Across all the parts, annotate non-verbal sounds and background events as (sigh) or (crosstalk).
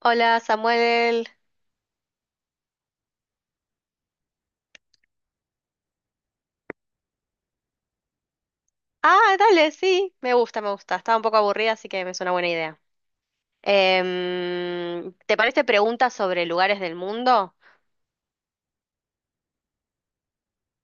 Hola Samuel. Ah, dale, sí, me gusta, me gusta. Estaba un poco aburrida, así que me suena buena idea. ¿Te parece preguntas sobre lugares del mundo?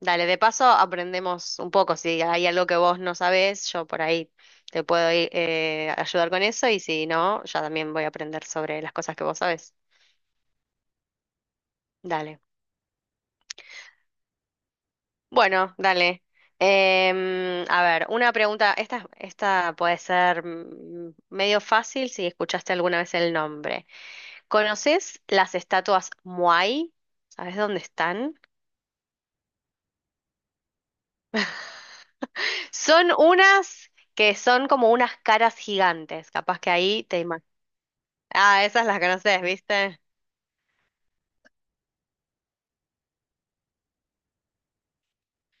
Dale, de paso aprendemos un poco. Si hay algo que vos no sabés, yo por ahí te puedo ir, ayudar con eso y si no, ya también voy a aprender sobre las cosas que vos sabés. Dale. Bueno, dale. A ver, una pregunta. Esta puede ser medio fácil si escuchaste alguna vez el nombre. ¿Conoces las estatuas Muay? ¿Sabes dónde están? Son unas que son como unas caras gigantes. Capaz que ahí te imaginas. Ah, esas las conoces, ¿viste?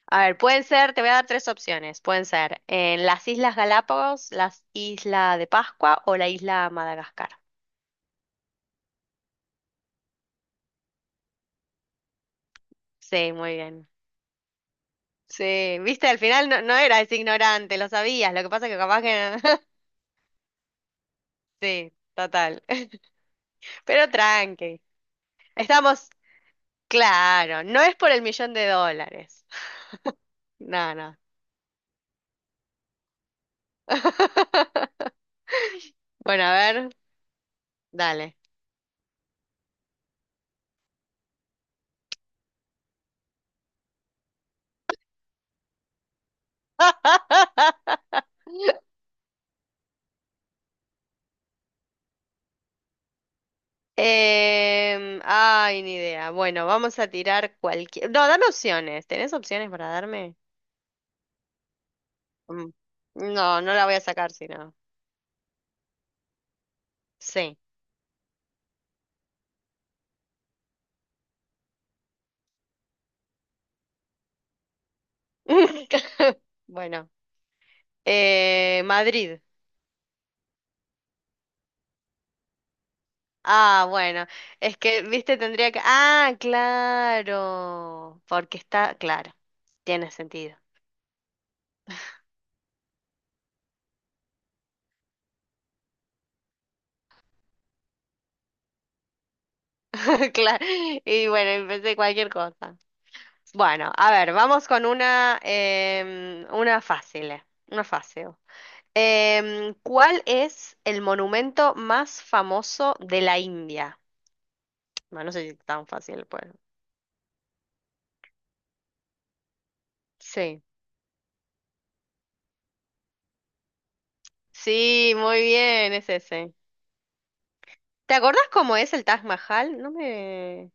A ver, pueden ser, te voy a dar tres opciones. Pueden ser en las Islas Galápagos, las Isla de Pascua o la Isla Madagascar. Sí, muy bien. Sí, viste, al final no, no eras ignorante, lo sabías. Lo que pasa es que capaz que no. (laughs) Sí, total. (laughs) Pero tranqui. Estamos. Claro, no es por el millón de dólares. No, no. (laughs) Bueno, a ver, dale. (laughs) Ay, ni idea. Bueno, vamos a tirar cualquier... No, dame opciones. ¿Tenés opciones para darme? Mm. No, no la voy a sacar si no. Sí. (laughs) Bueno. Madrid. Ah, bueno. Es que, viste, tendría que... Ah, claro. Porque está... Claro. Tiene sentido. (laughs) Claro. Y bueno, empecé cualquier cosa. Bueno, a ver, vamos con una, una fácil, una fácil. ¿Cuál es el monumento más famoso de la India? Bueno, no sé si es tan fácil, pues. Sí. Sí, muy bien, es ese. ¿Te acordás cómo es el Taj Mahal? No me...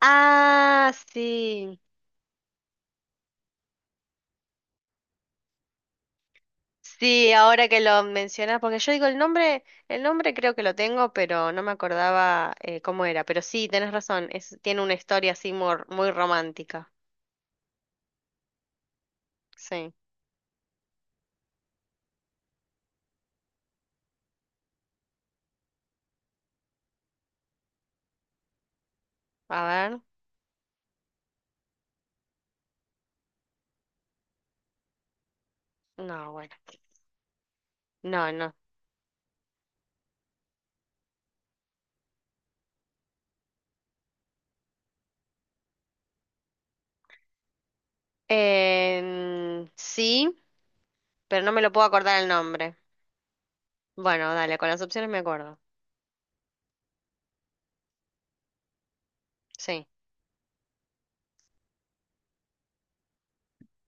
Ah, sí. Sí, ahora que lo mencionas, porque yo digo el nombre creo que lo tengo, pero no me acordaba cómo era. Pero sí, tenés razón, es, tiene una historia así muy, muy romántica. Sí, a ver, no, bueno, no. Sí, pero no me lo puedo acordar el nombre. Bueno, dale, con las opciones me acuerdo. Sí.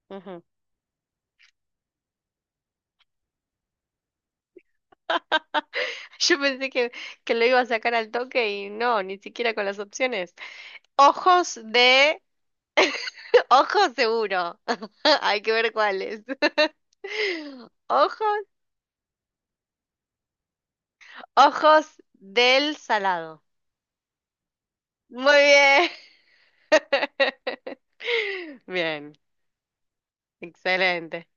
Ujú. (laughs) Yo pensé que lo iba a sacar al toque y no, ni siquiera con las opciones. Ojos de Ojos seguro. (laughs) Hay que ver cuáles. (laughs) Ojos, ojos del salado. Muy bien. (laughs) Bien, excelente.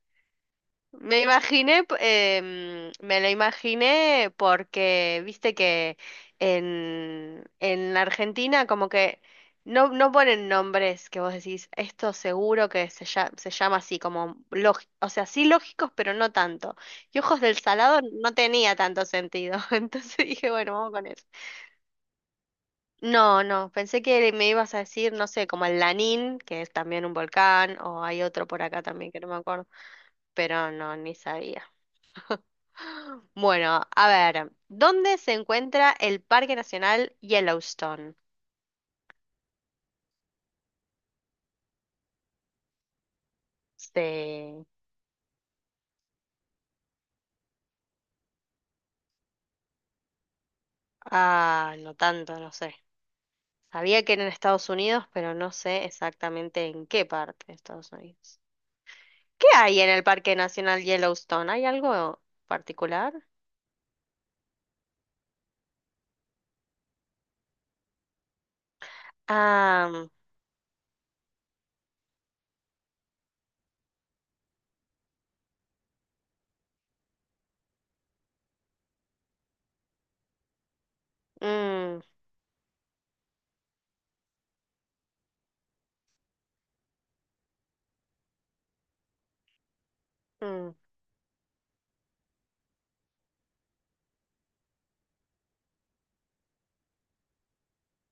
Me imaginé, me lo imaginé porque, viste que en Argentina como que no, no ponen nombres que vos decís, esto seguro que se, lla- se llama así, como lógi- o sea, sí lógicos, pero no tanto. Y Ojos del Salado no tenía tanto sentido, (laughs) entonces dije, bueno, vamos con eso. No, no, pensé que me ibas a decir, no sé, como el Lanín, que es también un volcán, o hay otro por acá también que no me acuerdo, pero no, ni sabía. Bueno, a ver, ¿dónde se encuentra el Parque Nacional Yellowstone? Sí. Ah, no tanto, no sé. Sabía que era en Estados Unidos, pero no sé exactamente en qué parte de Estados Unidos. ¿Qué hay en el Parque Nacional Yellowstone? ¿Hay algo particular? Ah, mm, mm,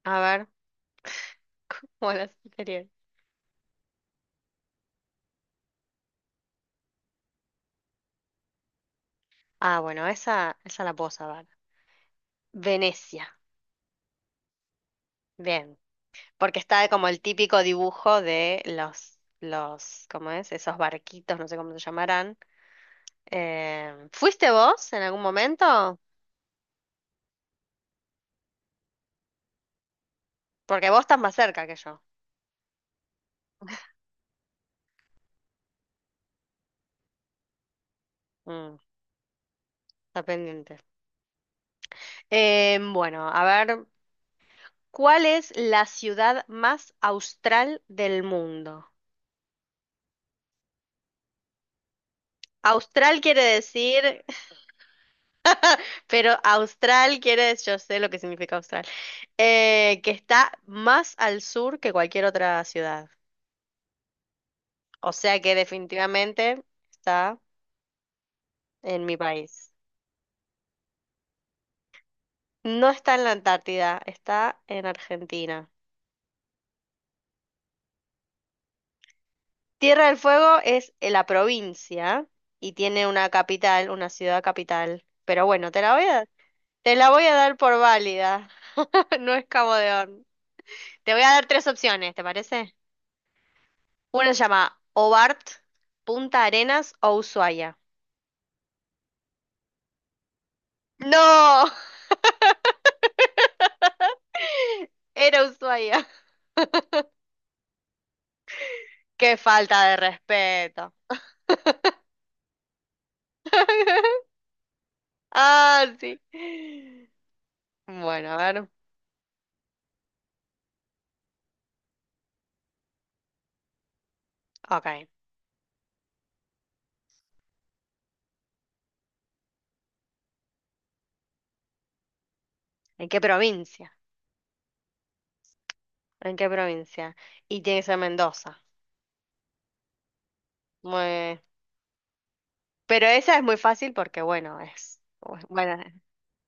a ver, (laughs) bueno, sería. Ah, bueno, esa la puedo saber. Venecia. Bien. Porque está como el típico dibujo de los, ¿cómo es? Esos barquitos, no sé cómo se llamarán. ¿Fuiste vos en algún momento? Porque vos estás más cerca que yo. Mm, está pendiente. Bueno, a ver, ¿cuál es la ciudad más austral del mundo? Austral quiere decir, (laughs) pero austral quiere decir, yo sé lo que significa austral, que está más al sur que cualquier otra ciudad. O sea que definitivamente está en mi país. No está en la Antártida, está en Argentina. Tierra del Fuego es la provincia y tiene una capital, una ciudad capital. Pero bueno, te la voy a dar por válida. (laughs) No es Cabo Horn. Te voy a dar tres opciones, ¿te parece? Una se llama Hobart, Punta Arenas o Ushuaia. ¡No! (laughs) Era Ushuaia. ¡Qué falta de respeto! (laughs) Ah, sí. Bueno, a ver. Ok. ¿En qué provincia? ¿En qué provincia? Y tiene que ser Mendoza. Muy- Pero esa es muy fácil porque, bueno, es. Bueno,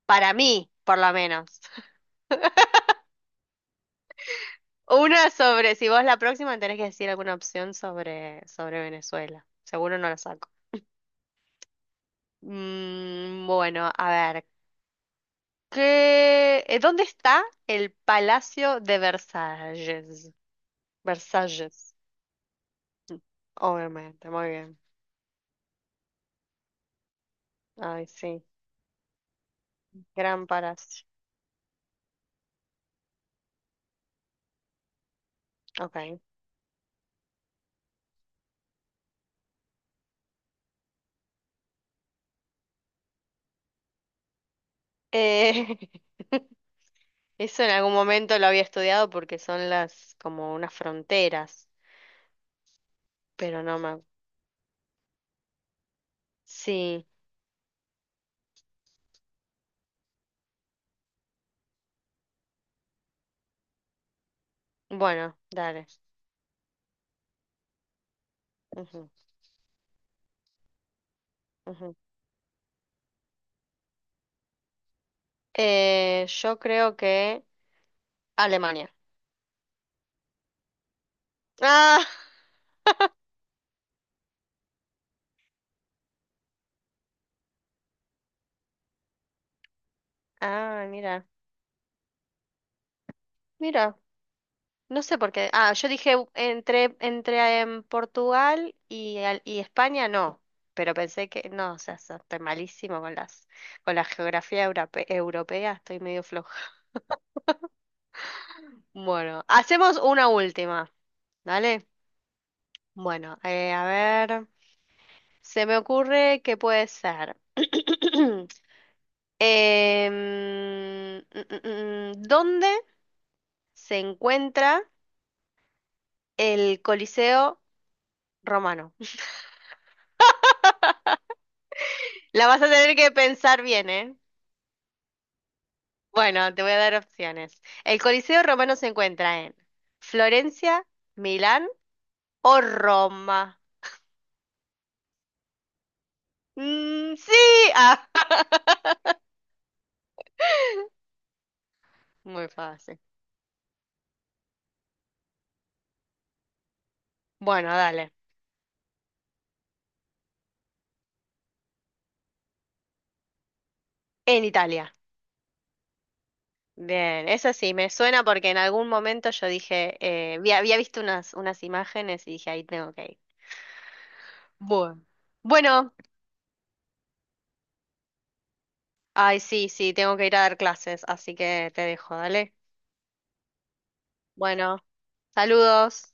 para mí, por lo menos. (laughs) Una sobre. Si vos la próxima tenés que decir alguna opción sobre Venezuela. Seguro no la saco. Mm, bueno, a ver. ¿Dónde está el Palacio de Versalles? Versalles. Obviamente, muy bien. Ay, sí. Gran Parás. Ok. Eh, (laughs) eso en algún momento lo había estudiado porque son las como unas fronteras, pero no me... Sí, bueno, dale. Ujú, ujú. Yo creo que Alemania. Ah, ah, mira, mira. No sé por qué. Ah, yo dije entre, entre Portugal y, y España, no. Pero pensé que, no, o sea, estoy malísimo con las, con la geografía europea, estoy medio floja. Bueno, hacemos una última, ¿dale? Bueno, a ver, se me ocurre que puede ser. (clears throat) ¿Dónde se encuentra el Coliseo Romano? (laughs) La vas a tener que pensar bien, ¿eh? Bueno, te voy a dar opciones. El Coliseo Romano se encuentra en Florencia, Milán o Roma. Mm, sí, (laughs) Ah, muy fácil. Bueno, dale. En Italia. Bien, eso sí, me suena porque en algún momento yo dije, había visto unas, unas imágenes y dije, ahí tengo que ir. Bueno, Bueno, ay, sí, sí, tengo que ir a dar clases, así que te dejo, dale. Bueno, saludos.